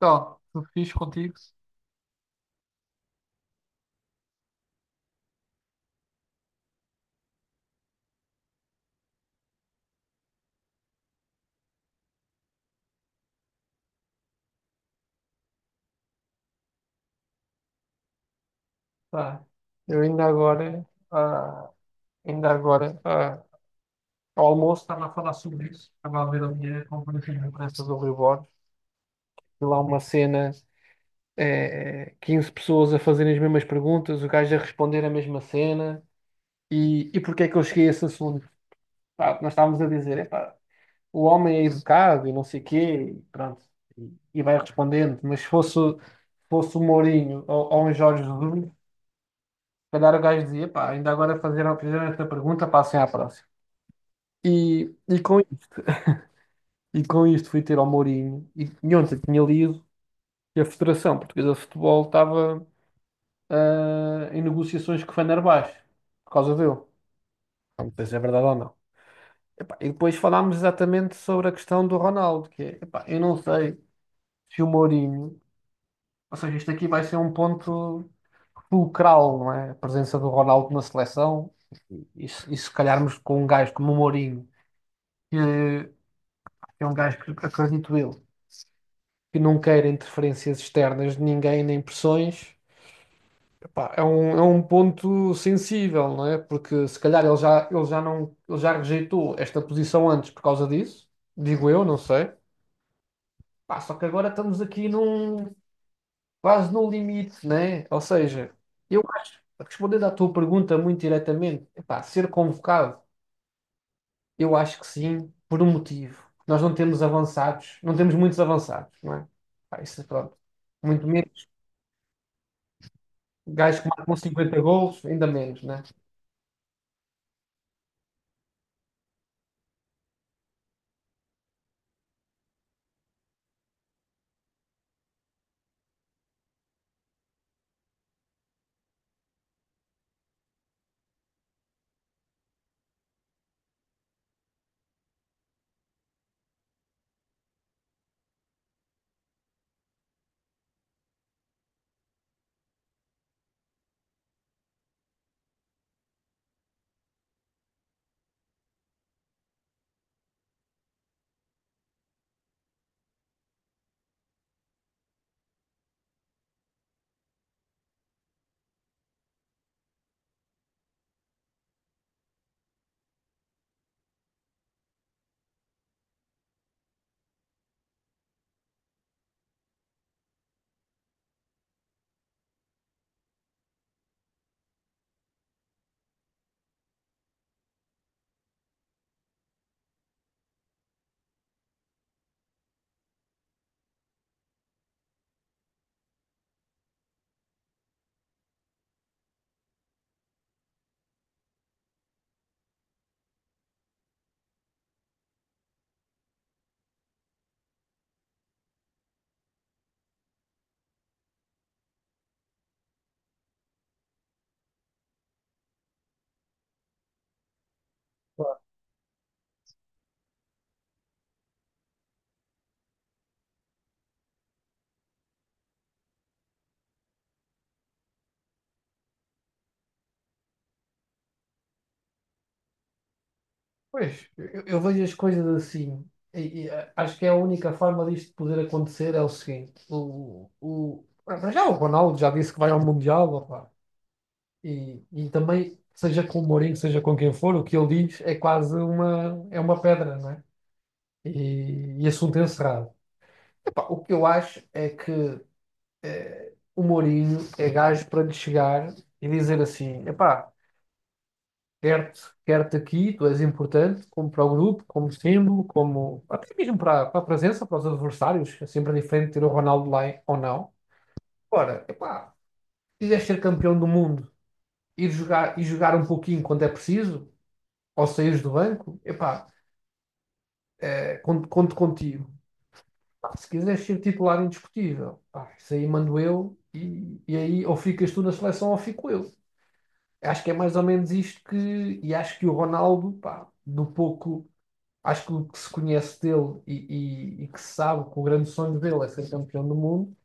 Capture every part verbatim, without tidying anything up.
Ó, tudo fixe contigo? Tá. Eu ainda agora, ah, ainda agora, ah, ao almoço estava a falar sobre isso. Estava a ver a minha conferência de imprensa do Rui Borges. E lá uma cena, eh, quinze pessoas a fazerem as mesmas perguntas, o gajo a responder a mesma cena. E, e porquê é que eu cheguei a esse assunto? Pá, nós estávamos a dizer, epá, o homem é educado e não sei quê, e pronto. E, e vai respondendo. Mas se fosse, fosse o Mourinho ou, ou um Jorge Jesus, calhar o gajo dizia, pá, ainda agora fizeram, fizeram esta pergunta, passem à próxima. E, e, com, isto- e com isto fui ter ao Mourinho, e, e ontem tinha lido que a Federação Portuguesa de Futebol estava ah, em negociações com o Fenerbahçe, por causa dele. Não sei se é verdade ou não. Epá, e depois falámos exatamente sobre a questão do Ronaldo, que é, epá, eu não sei se o Mourinho, ou seja, isto aqui vai ser um ponto fulcral, não é? A presença do Ronaldo na seleção, e, se e se calharmos com um gajo como o Mourinho, que é um gajo que acredito eu, que não quer interferências externas de ninguém, nem pressões. Epá, é um, é um ponto sensível, não é? Porque se calhar ele já, ele já não, ele já rejeitou esta posição antes por causa disso, digo eu, não sei. Pá, só que agora estamos aqui num, quase no limite, né? Ou seja, eu acho, respondendo à tua pergunta muito diretamente, epá, ser convocado. Eu acho que sim, por um motivo. Nós não temos avançados, não temos muitos avançados, não é? Pá, isso, é pronto. Muito menos. Gajos que marcam cinquenta golos, ainda menos, né? Pois, eu, eu vejo as coisas assim. E, e, eh, acho que é a única forma disto poder acontecer é o seguinte: o, o, ah, para já o Ronaldo já disse que vai ao Mundial, opá. E, e também, seja com o Mourinho, seja com quem for, o que ele diz é quase uma, é uma pedra, não é? E, e assunto encerrado. Epá, o que eu acho é que o Mourinho é gajo para lhe chegar e dizer assim: epá, quero-te, quero-te aqui, tu és importante, como para o grupo, como símbolo, como até mesmo para, para a presença, para os adversários. É sempre diferente ter o Ronaldo lá ou não. Ora, epá, se quiseres ser campeão do mundo ir jogar, e jogar um pouquinho quando é preciso, ou saíres do banco, epá, é, conto, conto contigo. Pá, se quiseres ser titular indiscutível, pá, isso aí mando eu e, e aí ou ficas tu na seleção ou fico eu. Acho que é mais ou menos isto que. E acho que o Ronaldo, pá, do pouco. Acho que o que se conhece dele e, e- e que se sabe que o grande sonho dele é ser campeão do mundo,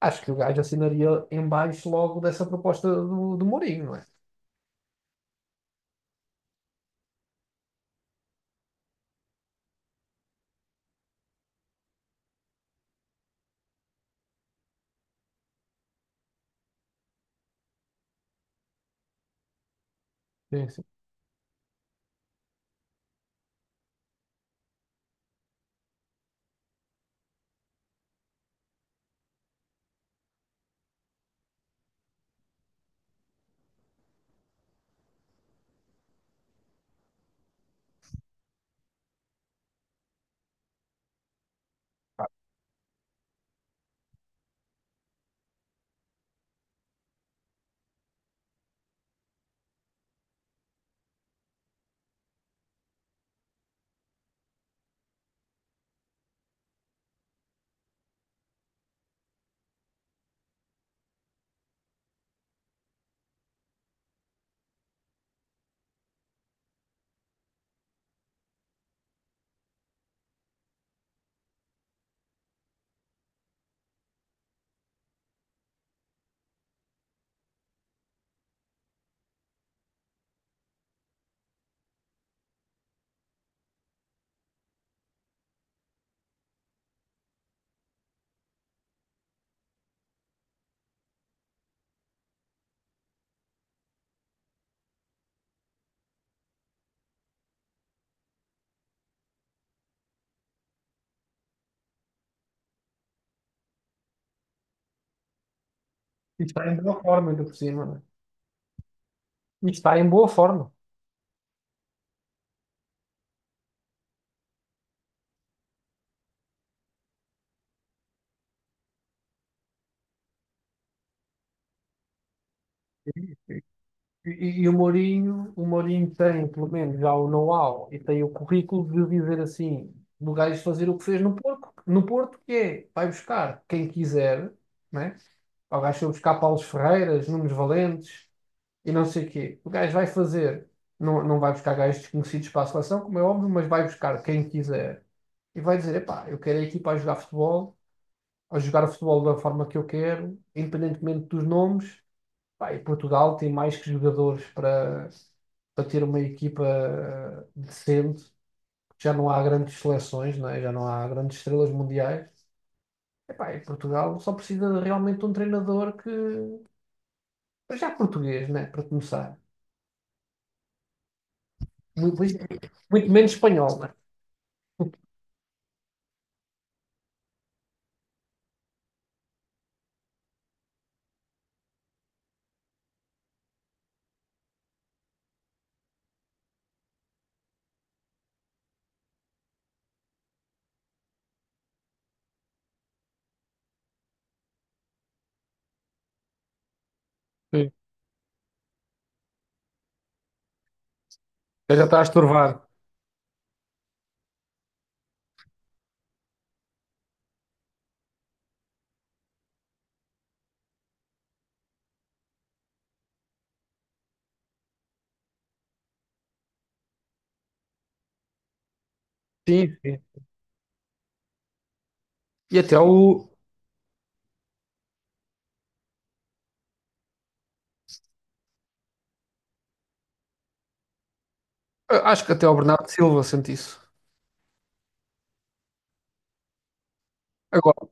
acho que o gajo assinaria em baixo logo dessa proposta do, do Mourinho, não é? Sim, sim. E está em boa forma, ainda por cima, não é? E está em boa forma. E, e- e o Mourinho, o Mourinho tem, pelo menos, já o know-how e tem o currículo de dizer assim, do gajo fazer o que fez no Porto, no Porto, que é, vai buscar quem quiser, né? Pá, o gajo foi buscar Paulos Ferreiras, Nunes Valentes e não sei o quê. O gajo vai fazer, não, não vai buscar gajos desconhecidos para a seleção, como é óbvio, mas vai buscar quem quiser. E vai dizer, epá, eu quero a equipa a jogar futebol, a jogar futebol da forma que eu quero, independentemente dos nomes. Pá, e Portugal tem mais que jogadores para, para ter uma equipa eh, decente. Já não há grandes seleções, não é? Já não há grandes estrelas mundiais. Epá, e Portugal só precisa de realmente um treinador que... Mas já português, né? Para começar. Muito, muito menos espanhol, né? Sim. Já já está a estorvar. Sim, sim. E até o... Acho que até o Bernardo Silva sente isso. Agora,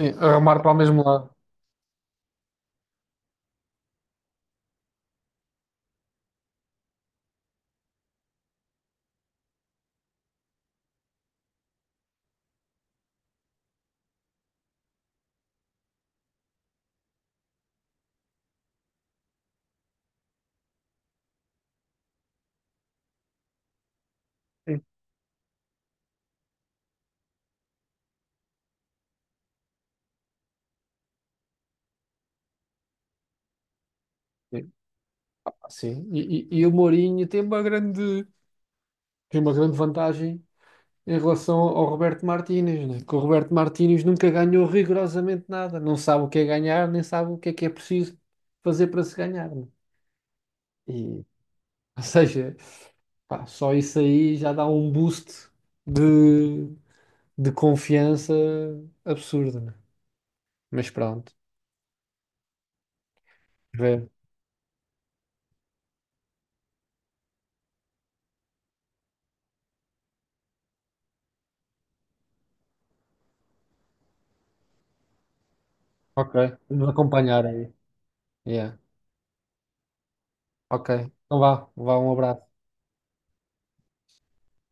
sim, a remar para o mesmo lado. Sim. Sim. Ah, sim. E, e- e o Mourinho tem uma grande, tem uma grande vantagem em relação ao Roberto Martínez, né? Que o Roberto Martínez nunca ganhou rigorosamente nada. Não sabe o que é ganhar, nem sabe o que é que é preciso fazer para se ganhar, né? E, ou seja, pá, só isso aí já dá um boost de, de confiança absurdo, né? Mas pronto, ver. Ok, vamos acompanhar aí. Yeah. Ok, então vá, vá, um abraço.